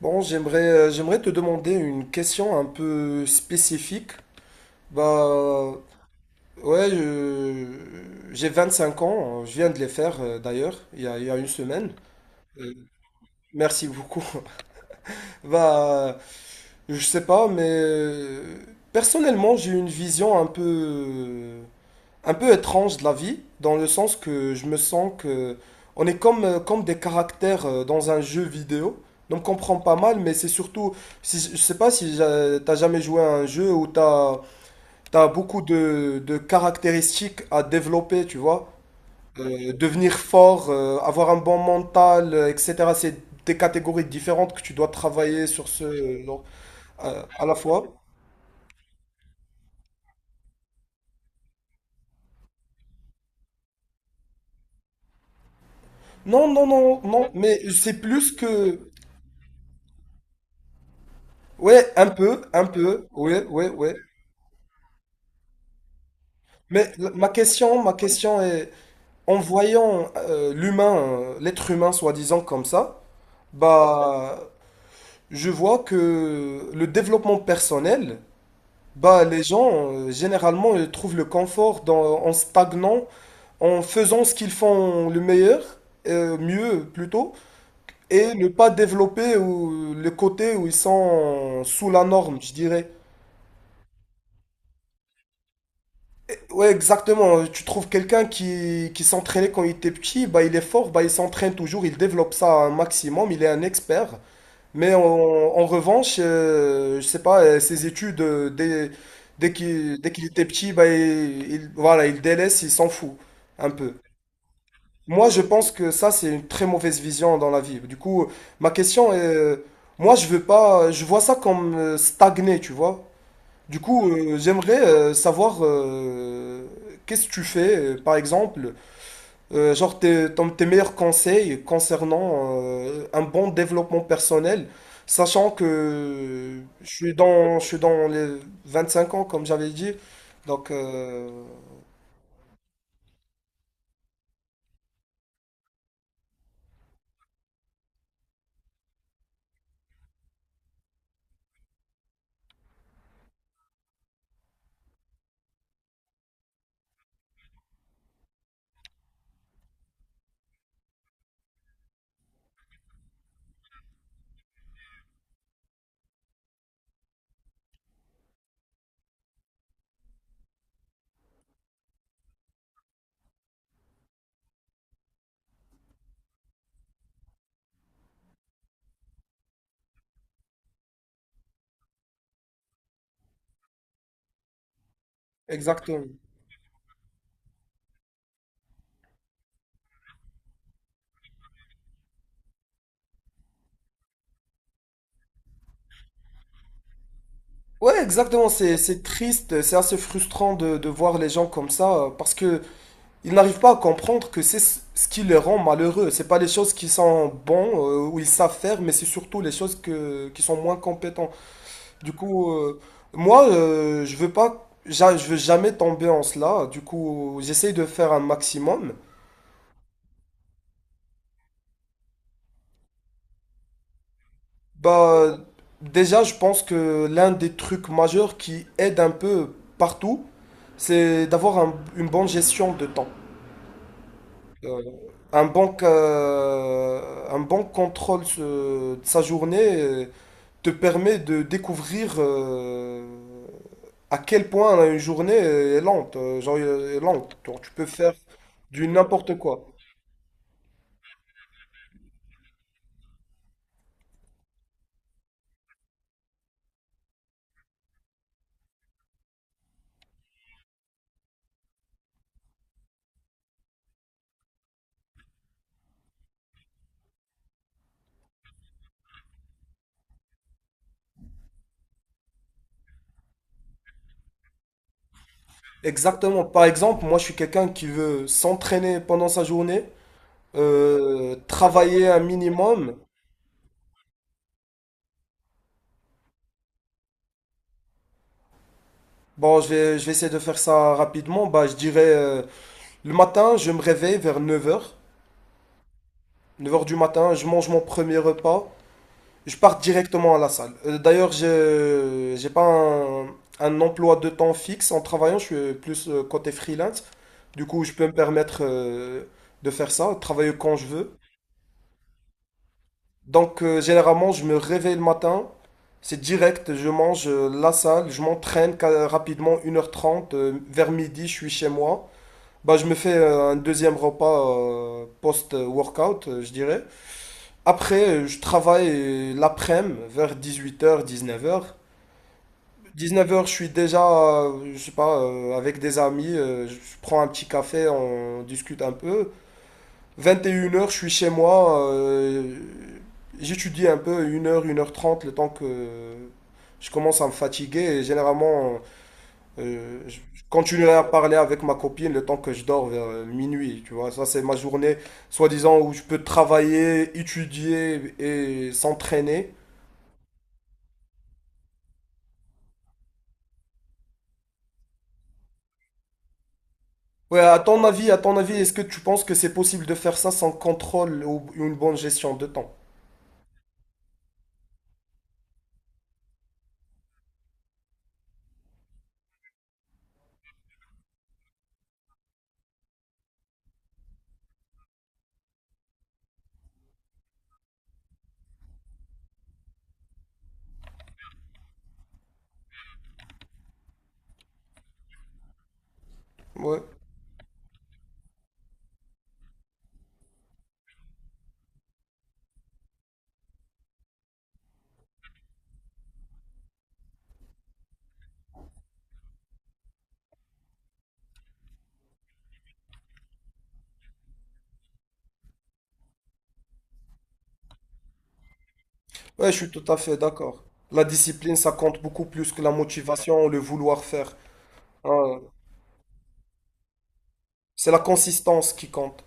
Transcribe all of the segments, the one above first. Bon, j'aimerais te demander une question un peu spécifique. Bah, ouais, j'ai 5 ans, je viens de les faire d'ailleurs, il y a une semaine. Euh, Merci beaucoup. Bah, je sais pas, mais personnellement, j'ai une vision un peu étrange de la vie, dans le sens que je me sens que on est comme des caractères dans un jeu vidéo. Donc on comprend pas mal, mais c'est surtout, si, je sais pas si t'as jamais joué à un jeu où t'as beaucoup de caractéristiques à développer, tu vois. Devenir fort, avoir un bon mental, etc. C'est des catégories différentes que tu dois travailler sur ce, non, à la fois. Non, non, non, non, mais c'est plus que, ouais, un peu, ouais, ouais, ouais. Mais ma question est, en voyant l'humain, l'être humain soi-disant comme ça, bah, je vois que le développement personnel, bah, les gens, généralement, ils trouvent le confort en stagnant, en faisant ce qu'ils font le meilleur, mieux plutôt, et ne pas développer ou, le côté où ils sont sous la norme, je dirais. Ouais, exactement. Tu trouves quelqu'un qui s'entraînait quand il était petit, bah, il est fort, bah, il s'entraîne toujours, il développe ça un maximum, il est un expert. Mais en revanche, je sais pas, ses études, dès qu'il était petit, bah, voilà, il délaisse, il s'en fout un peu. Moi, je pense que ça, c'est une très mauvaise vision dans la vie. Du coup, ma question est, moi, je veux pas, je vois ça comme stagner, tu vois. Du coup, j'aimerais savoir qu'est-ce que tu fais, par exemple, genre tes meilleurs conseils concernant un bon développement personnel, sachant que je suis dans les 25 ans, comme j'avais dit. Donc, exactement. Ouais, exactement, c'est triste, c'est assez frustrant de voir les gens comme ça, parce que ils n'arrivent pas à comprendre que c'est ce qui les rend malheureux. C'est pas les choses qui sont bons ou ils savent faire, mais c'est surtout les choses qui sont moins compétents. Du coup, moi, je veux pas, je veux jamais tomber en cela. Du coup, j'essaye de faire un maximum. Bah, déjà, je pense que l'un des trucs majeurs qui aide un peu partout, c'est d'avoir une bonne gestion de temps. Euh, un bon contrôle de sa journée. Te permet de découvrir à quel point une journée est lente. Genre, est lente. Genre, tu peux faire du n'importe quoi. Exactement. Par exemple, moi, je suis quelqu'un qui veut s'entraîner pendant sa journée, travailler un minimum. Bon, je vais essayer de faire ça rapidement. Bah, je dirais, le matin, je me réveille vers 9h, 9h du matin, je mange mon premier repas. Je pars directement à la salle. D'ailleurs, je j'ai pas un, emploi de temps fixe. En travaillant, je suis plus côté freelance. Du coup, je peux me permettre de faire ça, travailler quand je veux. Donc, généralement, je me réveille le matin. C'est direct, je mange la salle, je m'entraîne rapidement 1h30. Vers midi, je suis chez moi. Bah, je me fais un deuxième repas post-workout, je dirais. Après, je travaille l'après-midi vers 18h, 19h. 19h, je suis déjà, je sais pas, avec des amis, je prends un petit café, on discute un peu. 21h, je suis chez moi, j'étudie un peu 1h 1h30 le temps que je commence à me fatiguer. Et généralement, euh, je je continuerai à parler avec ma copine le temps que je dors vers minuit, tu vois. Ça, c'est ma journée, soi-disant, où je peux travailler, étudier et s'entraîner. Ouais, à ton avis, est-ce que tu penses que c'est possible de faire ça sans contrôle ou une bonne gestion de temps? Ouais, ouais, je suis tout à fait d'accord. La discipline, ça compte beaucoup plus que la motivation, le vouloir faire. Hein, c'est la consistance qui compte.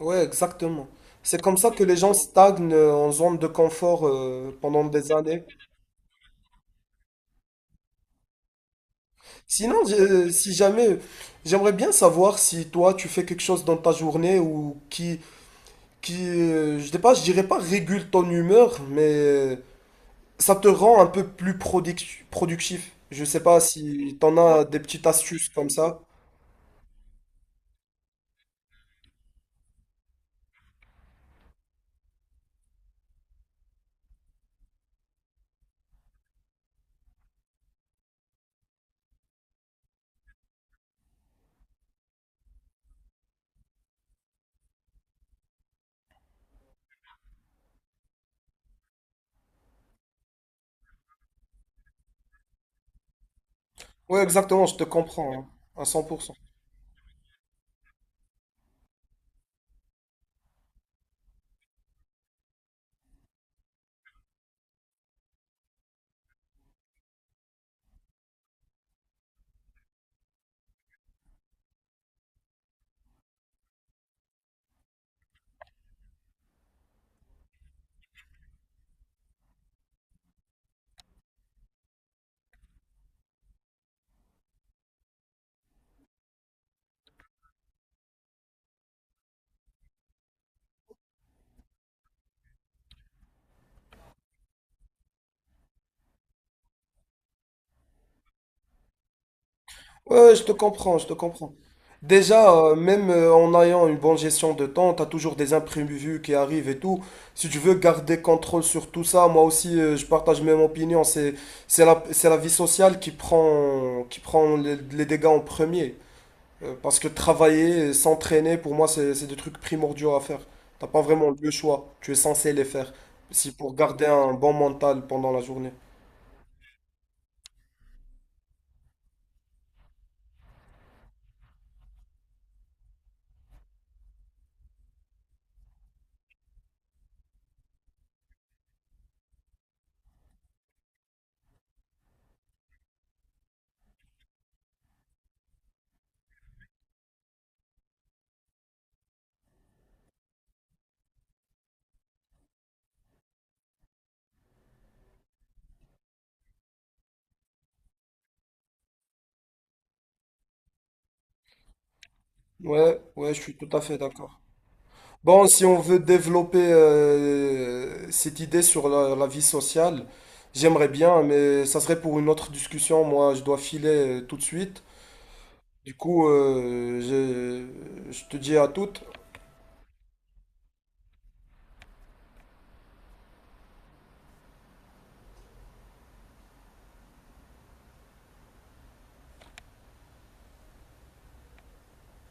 Ouais, exactement. C'est comme ça que les gens stagnent en zone de confort pendant des années. Sinon, si jamais, j'aimerais bien savoir si toi tu fais quelque chose dans ta journée ou qui, je sais pas, je dirais pas régule ton humeur, mais ça te rend un peu plus productif. Je sais pas si t'en as des petites astuces comme ça. Ouais, exactement, je te comprends, hein, à 100%. Ouais, je te comprends, je te comprends. Déjà, même en ayant une bonne gestion de temps, t'as toujours des imprévus qui arrivent et tout. Si tu veux garder contrôle sur tout ça, moi aussi, je partage même opinion. C'est la vie sociale qui prend les dégâts en premier. Parce que travailler et s'entraîner, pour moi, c'est des trucs primordiaux à faire. T'as pas vraiment le choix. Tu es censé les faire. Si pour garder un bon mental pendant la journée. Ouais, ouais, je suis tout à fait d'accord. Bon, si on veut développer cette idée sur la vie sociale, j'aimerais bien, mais ça serait pour une autre discussion. Moi, je dois filer tout de suite. Du coup, je te dis à toutes.